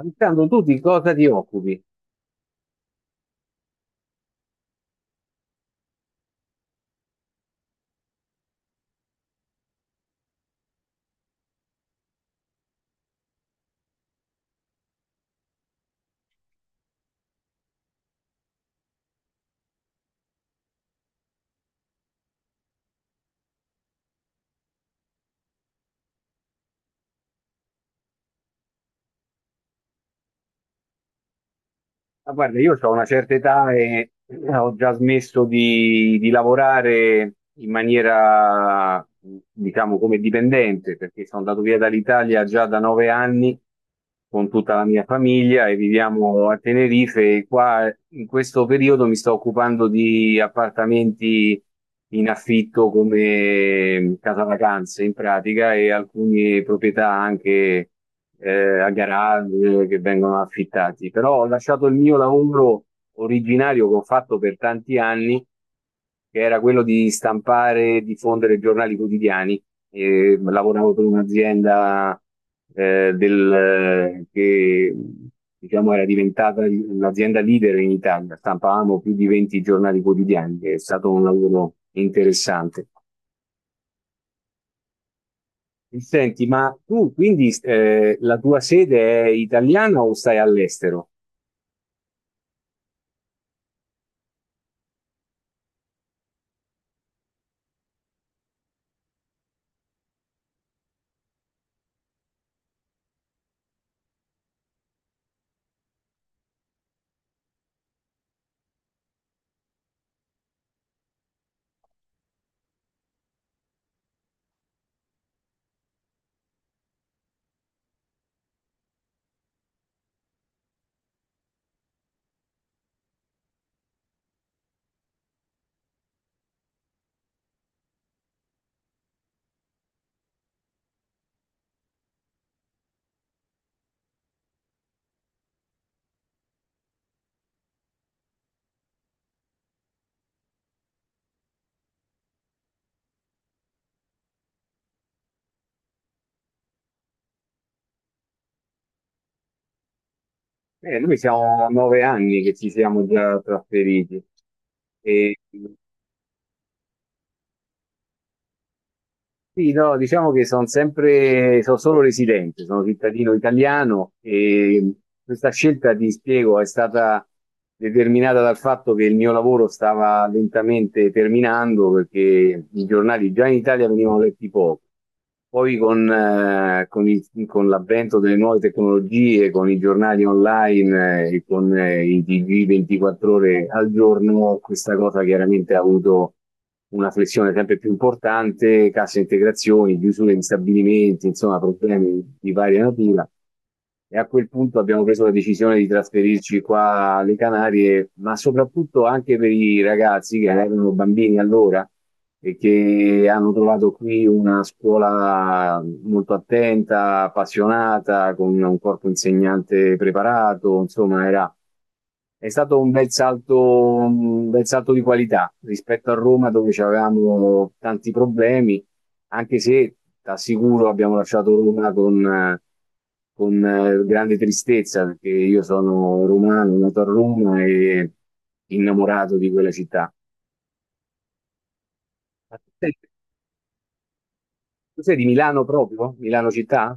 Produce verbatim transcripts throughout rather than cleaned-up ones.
Alessandro, tu di cosa ti occupi? Ma guarda, io ho una certa età e eh, ho già smesso di, di lavorare in maniera, diciamo, come dipendente, perché sono andato via dall'Italia già da nove anni con tutta la mia famiglia e viviamo a Tenerife. E qua in questo periodo mi sto occupando di appartamenti in affitto come casa vacanze in pratica e alcune proprietà anche. Eh, a garage che vengono affittati, però ho lasciato il mio lavoro originario che ho fatto per tanti anni, che era quello di stampare e diffondere giornali quotidiani. E lavoravo per un'azienda eh, del- che diciamo era diventata l'azienda leader in Italia, stampavamo più di venti giornali quotidiani. È stato un lavoro interessante. Senti, ma tu quindi eh, la tua sede è italiana o stai all'estero? Eh, noi siamo nove anni che ci siamo già trasferiti. E, sì, no, diciamo che sono sempre, sono solo residente, sono cittadino italiano e questa scelta, ti spiego, è stata determinata dal fatto che il mio lavoro stava lentamente terminando perché i giornali già in Italia venivano letti poco. Poi con, eh, con i- con l'avvento delle nuove tecnologie, con i giornali online, eh, e con eh, i T G ventiquattro ore al giorno, questa cosa chiaramente ha avuto una flessione sempre più importante, casse integrazioni, chiusure di stabilimenti, insomma, problemi di varia natura. E a quel punto abbiamo preso la decisione di trasferirci qua alle Canarie, ma soprattutto anche per i ragazzi che erano bambini allora e che hanno trovato qui una scuola molto attenta, appassionata, con un corpo insegnante preparato, insomma, era, è stato un bel salto, un bel salto di qualità rispetto a Roma dove avevamo tanti problemi, anche se ti assicuro abbiamo lasciato Roma con... eh, con eh, grande tristezza perché io sono romano, nato a Roma e innamorato di quella città. Tu sei di Milano proprio? Milano città?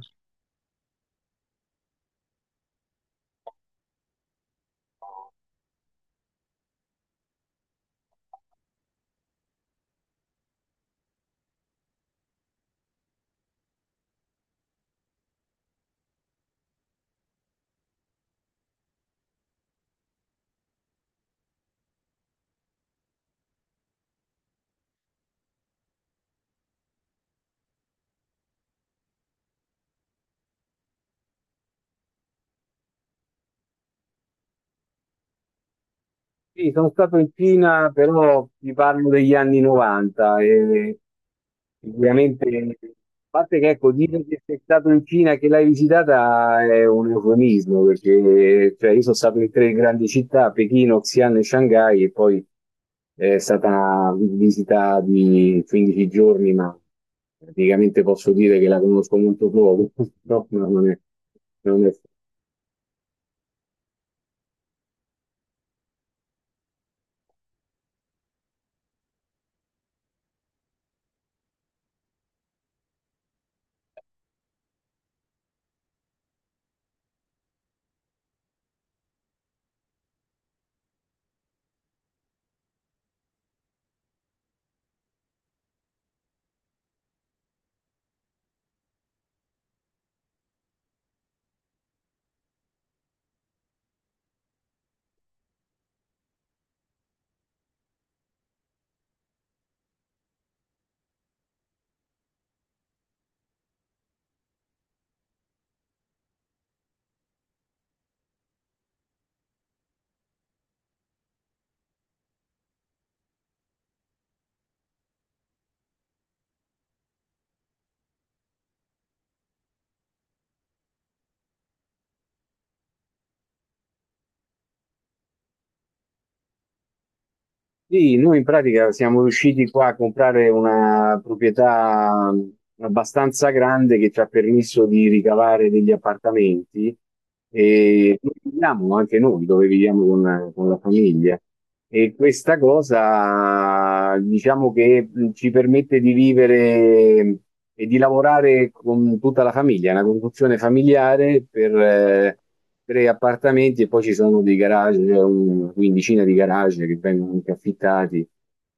Sì, sono stato in Cina, però ti parlo degli anni novanta e sicuramente, a parte che ecco, dire che sei stato in Cina e che l'hai visitata è un eufemismo, perché cioè, io sono stato in tre grandi città, Pechino, Xi'an e Shanghai, e poi è stata una visita di quindici giorni, ma praticamente posso dire che la conosco molto poco, no, non è, non è Sì, noi in pratica siamo riusciti qua a comprare una proprietà mh, abbastanza grande che ci ha permesso di ricavare degli appartamenti e dove viviamo anche noi, dove viviamo con, con la famiglia. E questa cosa diciamo che mh, ci permette di vivere e di lavorare con tutta la famiglia, è una conduzione familiare per, eh, tre appartamenti e poi ci sono dei garage, una quindicina di garage che vengono anche affittati.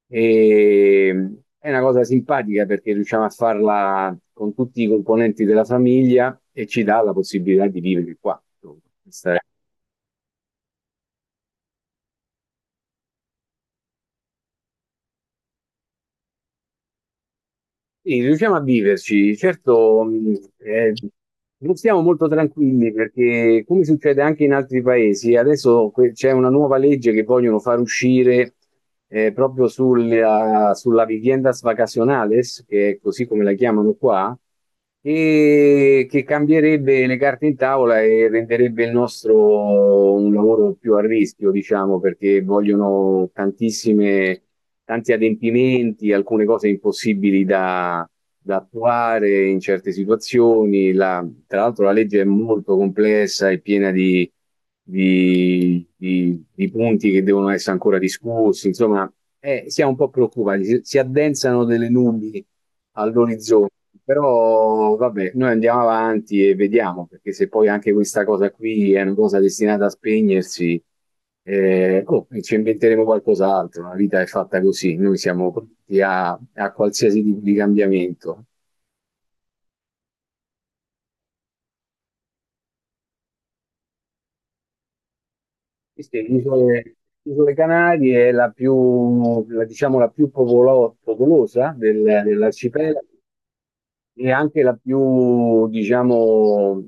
E è una cosa simpatica perché riusciamo a farla con tutti i componenti della famiglia e ci dà la possibilità di vivere qua, insomma. Questa è... Sì, riusciamo a viverci, certo, mh, eh, non stiamo molto tranquilli perché, come succede anche in altri paesi, adesso que- c'è una nuova legge che vogliono far uscire eh, proprio sulla, sulla viviendas vacacionales, che è così come la chiamano qua, e che cambierebbe le carte in tavola e renderebbe il nostro un lavoro più a rischio, diciamo, perché vogliono tantissime, tanti adempimenti, alcune cose impossibili da, da attuare in certe situazioni, la, tra l'altro la legge è molto complessa e piena di, di- di- di punti che devono essere ancora discussi, insomma, eh, siamo un po' preoccupati, si, si addensano delle nubi all'orizzonte, però vabbè, noi andiamo avanti e vediamo, perché se poi anche questa cosa qui è una cosa destinata a spegnersi, eh, oh, ci inventeremo qualcos'altro, la vita è fatta così, noi siamo pronti a, a qualsiasi tipo di cambiamento. Sì, sì, Isole, Isole Canarie è la più, la- diciamo, la più popolo- popolosa del- dell'arcipelago e anche la più, diciamo,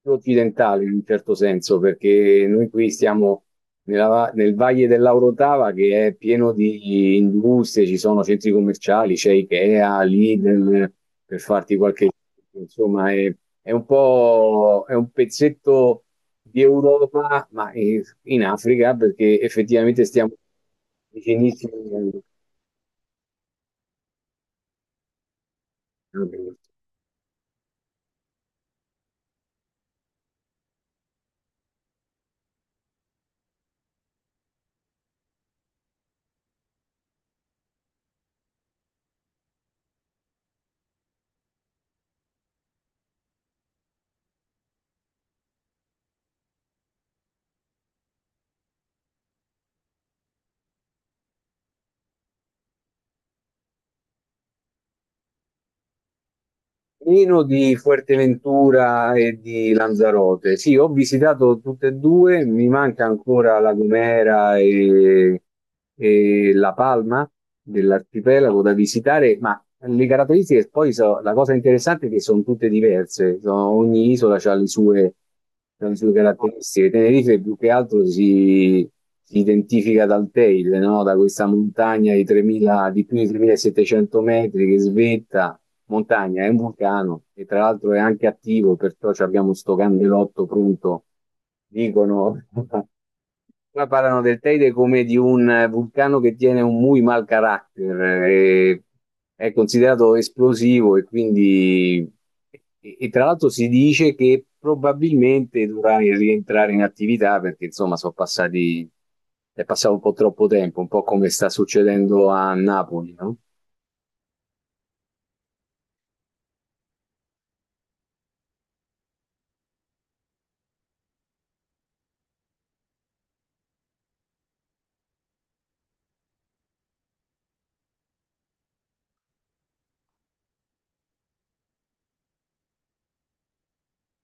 più occidentale in un certo senso, perché noi qui stiamo nella va- nel Valle dell'Aurotava che è pieno di industrie, ci sono centri commerciali, c'è Ikea, Lidl, per farti qualche... Insomma, è, è un po', è un pezzetto di Europa, ma in, in Africa, perché effettivamente stiamo vicinissimi al- al- Nino di Fuerteventura e di Lanzarote. Sì, ho visitato tutte e due, mi manca ancora La Gomera e, e La Palma dell'arcipelago da visitare, ma le caratteristiche poi so- la cosa interessante è che sono tutte diverse, sono- ogni isola ha le sue, c'ha le sue caratteristiche. Tenerife più che altro si, si identifica dal tail, no? Da questa montagna di tremila, di più di tremilasettecento metri che svetta montagna, è un vulcano e tra l'altro è anche attivo, perciò ci abbiamo sto candelotto pronto. Dicono, qua parlano del Teide come di un vulcano che tiene un muy mal carácter, eh, è considerato esplosivo e quindi, e, e tra l'altro si dice che probabilmente dovrà rientrare in attività perché insomma sono passati, è passato un po' troppo tempo, un po' come sta succedendo a Napoli, no?